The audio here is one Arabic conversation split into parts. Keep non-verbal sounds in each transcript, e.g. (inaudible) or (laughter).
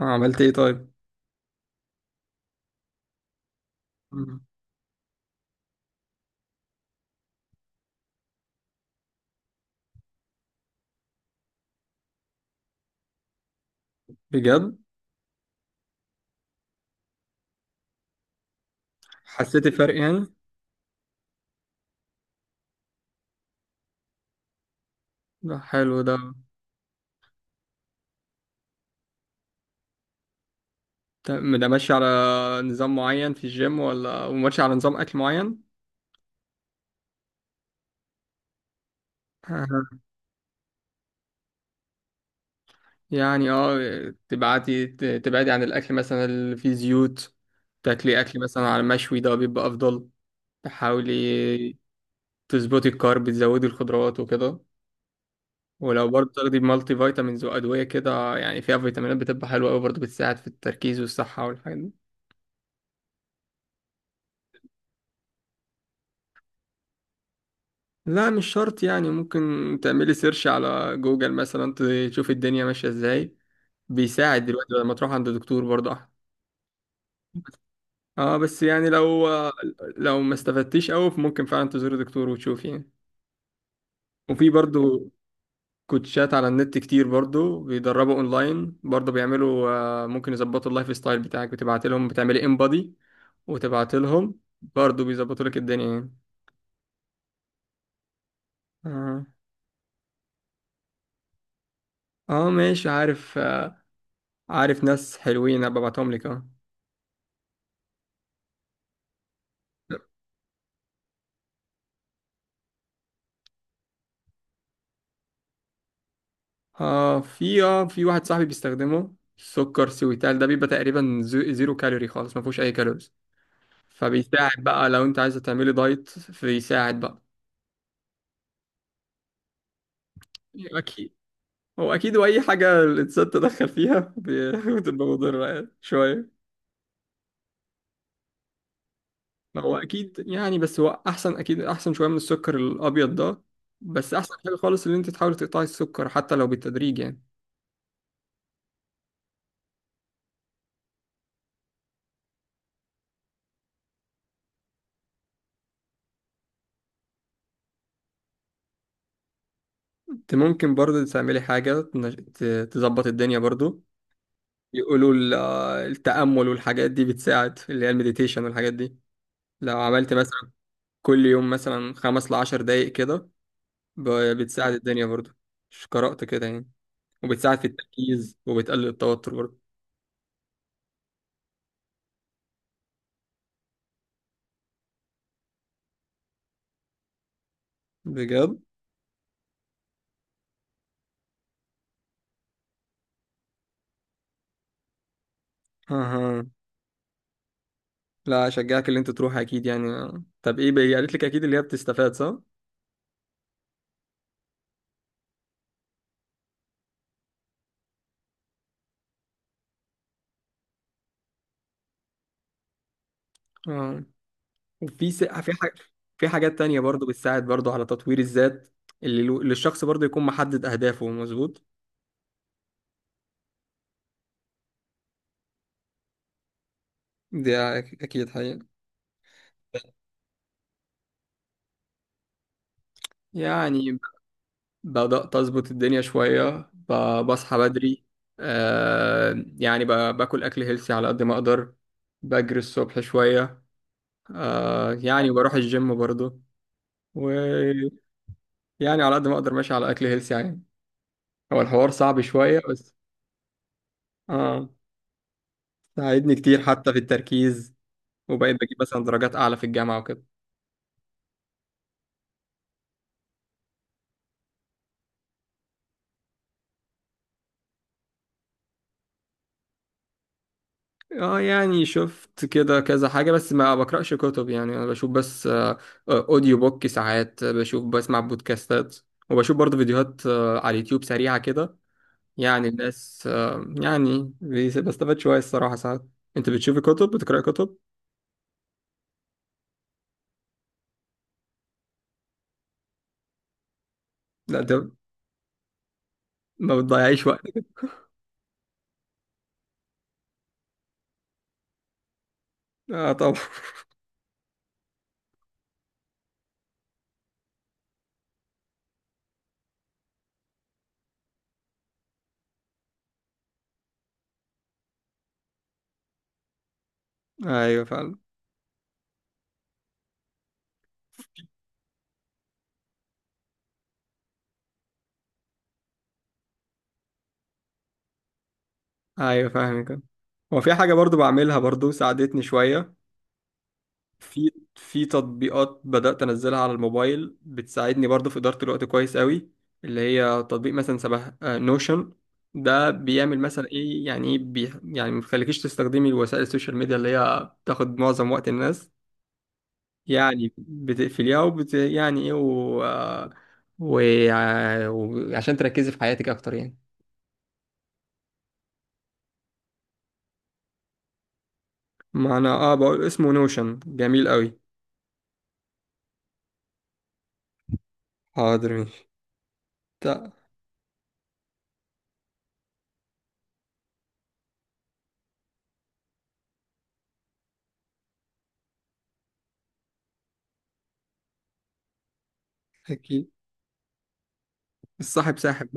عملت ايه طيب؟ مم. بجد؟ حسيت الفرق يعني؟ ده حلو ده. ده ماشي على نظام معين في الجيم، ولا وماشي على نظام اكل معين؟ آه. يعني اه تبعتي، تبعدي عن الاكل مثلا اللي فيه زيوت، تاكلي اكل مثلا على مشوي ده بيبقى افضل. تحاولي تظبطي الكارب، تزودي الخضروات وكده. ولو برضه تاخدي مالتي فيتامينز وادويه كده يعني فيها فيتامينات بتبقى حلوه قوي برضه، بتساعد في التركيز والصحه والحاجات دي. لا مش شرط يعني، ممكن تعملي سيرش على جوجل مثلا، تشوف الدنيا ماشية ازاي. بيساعد دلوقتي. لما تروح عند دكتور برضه أحسن. اه، بس يعني لو ما استفدتيش قوي ممكن فعلا تزوري دكتور وتشوف يعني. وفي برضه كوتشات على النت كتير برضه بيدربوا اونلاين، برضه بيعملوا ممكن يظبطوا اللايف ستايل بتاعك، بتبعت لهم بتعملي ان بودي وتبعت لهم، برضه بيظبطوا لك الدنيا يعني. اه. اه ماشي، عارف عارف ناس حلوين أبقى ابعتهم لك، اه. في في واحد صاحبي بيستخدمه سكر سويتال، ده بيبقى تقريبا زيرو كالوري خالص، ما فيهوش اي كالوريز. فبيساعد بقى لو انت عايزه تعملي دايت، فبيساعد بقى. اكيد. هو اكيد واي حاجه الانسان تدخل فيها (laughs) بتبقى مضره يعني شويه. هو اكيد يعني، بس هو احسن، اكيد احسن شويه من السكر الابيض ده. بس احسن حاجه خالص ان انت تحاولي تقطعي السكر حتى لو بالتدريج يعني. انت ممكن برضه تعملي حاجه تظبط الدنيا برضه. يقولوا التأمل والحاجات دي بتساعد، اللي هي المديتيشن والحاجات دي. لو عملت مثلا كل يوم مثلا خمس لعشر دقايق كده، ب- بتساعد الدنيا برضه، مش قرأت كده يعني. وبتساعد في التركيز وبتقلل التوتر برضه. بجد؟ اها. لا اشجعك اللي انت تروح، اكيد يعني. طب ايه بقى قالت لك، اكيد اللي هي بتستفاد صح؟ اه. في حاجة، في حاجات تانية برضه بتساعد برضه على تطوير الذات. اللي الشخص برضه يكون محدد اهدافه مظبوط؟ دي اكيد حقيقة. يعني بدأت أظبط الدنيا شوية، بصحى بدري. آه يعني ب- باكل أكل هيلثي على قد ما أقدر. بجري الصبح شوية. آه يعني بروح الجيم برضه. ويعني على قد ما أقدر ماشي على أكل هيلثي يعني. هو الحوار صعب شوية بس. آه. ساعدني كتير حتى في التركيز. وبقيت بجيب مثلا درجات أعلى في الجامعة وكده. اه يعني شفت كده كذا حاجة، بس ما بقرأش كتب يعني. انا بشوف بس اوديو بوك ساعات، آه، بشوف بسمع بودكاستات. وبشوف برضه فيديوهات على اليوتيوب سريعة كده. يعني الناس يعني بستفاد شوية الصراحة ساعات. انت بتشوفي كتب؟ بتقرأي كتب؟ لا ده ما بتضيعيش وقتك. (laughs) اه طبعا. ايوه فعلا. ايوه فاهمك. هو في حاجة برضه بعملها برضه ساعدتني شوية، في تطبيقات بدأت أنزلها على الموبايل بتساعدني برضو في إدارة الوقت كويس قوي. اللي هي تطبيق مثلا شبه نوشن، ده بيعمل مثلا إيه يعني إيه بي، يعني ما بيخليكيش تستخدمي وسائل السوشيال ميديا اللي هي بتاخد معظم وقت الناس. يعني بتقفليها، وبت يعني إيه، و... وعشان تركزي في حياتك أكتر يعني. معنى آه بقول اسمه نوشن جميل قوي. حاضر ماشي. تا- أكيد الصاحب ساحب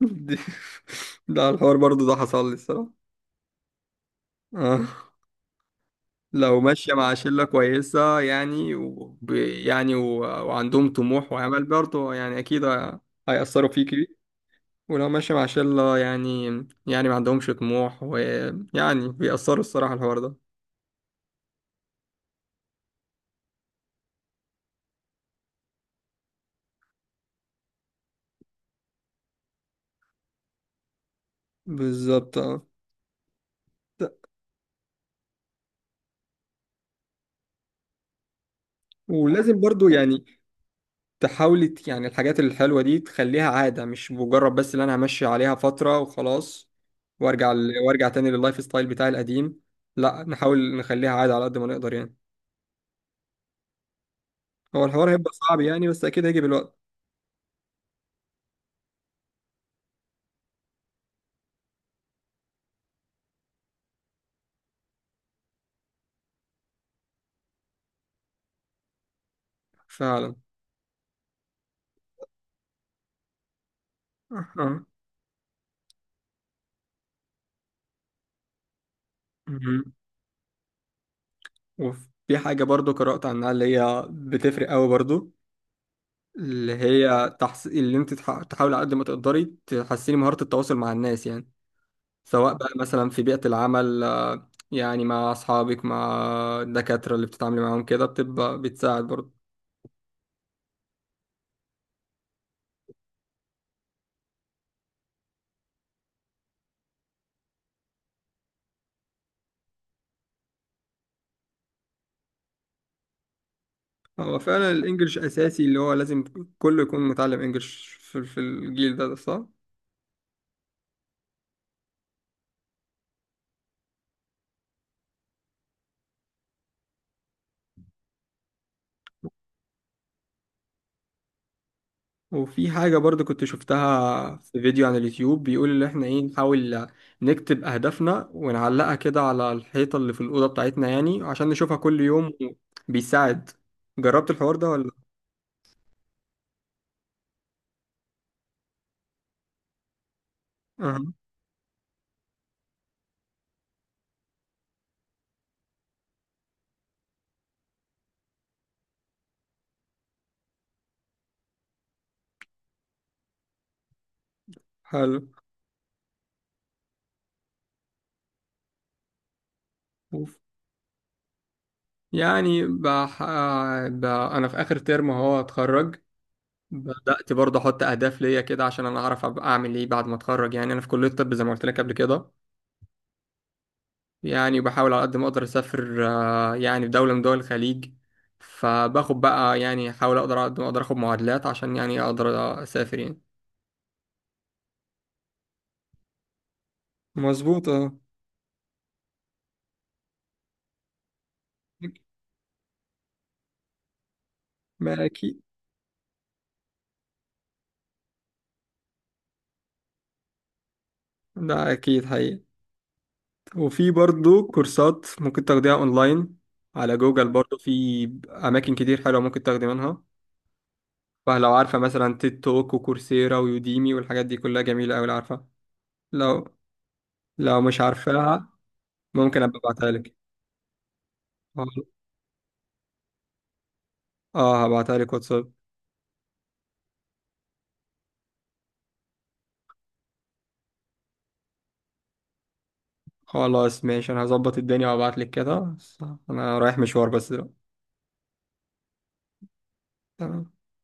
بقى. (laughs) ده الحوار برضو ده حصل لي الصراحة. آه. لو ماشية مع شلة كويسة يعني يعني، وعندهم طموح وعمل برضو، يعني أكيد هيأثروا فيك. ولو ماشية مع شلة يعني، يعني ما عندهمش طموح ويعني بيأثروا الصراحة الحوار ده. بالظبط اه. ت- ولازم برضو يعني تحاولي، يعني الحاجات الحلوة دي تخليها عادة، مش مجرد بس اللي انا همشي عليها فترة وخلاص وارجع وارجع تاني لللايف ستايل بتاعي القديم. لا نحاول نخليها عادة على قد ما نقدر يعني. هو الحوار هيبقى صعب يعني، بس اكيد هيجي بالوقت. فعلا. أها. مهم. وفي حاجة برضو قرأت عنها اللي هي بتفرق قوي برضو، اللي هي تحس... اللي انت تح... تحاولي على قد ما تقدري تحسيني مهارة التواصل مع الناس يعني. سواء بقى مثلا في بيئة العمل، يعني مع أصحابك، مع الدكاترة اللي بتتعاملي معاهم كده، بتبقى بتساعد برضه. هو فعلا الإنجليش أساسي، اللي هو لازم كله يكون متعلم إنجليش في الجيل ده، ده صح؟ وفي حاجة برضه كنت شفتها في فيديو على اليوتيوب بيقول إن إحنا إيه، نحاول نكتب أهدافنا ونعلقها كده على الحيطة اللي في الأوضة بتاعتنا يعني عشان نشوفها كل يوم. بيساعد. جربت الحوار ده ولا؟ أه. حلو. يعني انا في اخر ترم اهو اتخرج. بدأت برضه احط اهداف ليا كده عشان انا اعرف ابقى اعمل ايه بعد ما اتخرج. يعني انا في كلية الطب زي ما قلت لك قبل كده. يعني بحاول على قد ما اقدر اسافر، يعني في دولة من دول الخليج. فباخد بقى يعني احاول اقدر على قد ما اقدر اخد معادلات عشان يعني اقدر اسافر يعني. مظبوط اه. ما اكيد. ده اكيد حقيقي. وفي برضو كورسات ممكن تاخديها اونلاين على جوجل برضو، في اماكن كتير حلوه ممكن تاخدي منها. فلو عارفة مثلا تيد توك وكورسيرا ويوديمي والحاجات دي كلها جميلة أوي لو عارفة. لو مش عارفاها ممكن أبقى أبعتها لك. اه، هبعتها لك واتساب. خلاص ماشي، أنا هظبط الدنيا وأبعت لك كده. أنا رايح مشوار بس دلوقتي. تمام.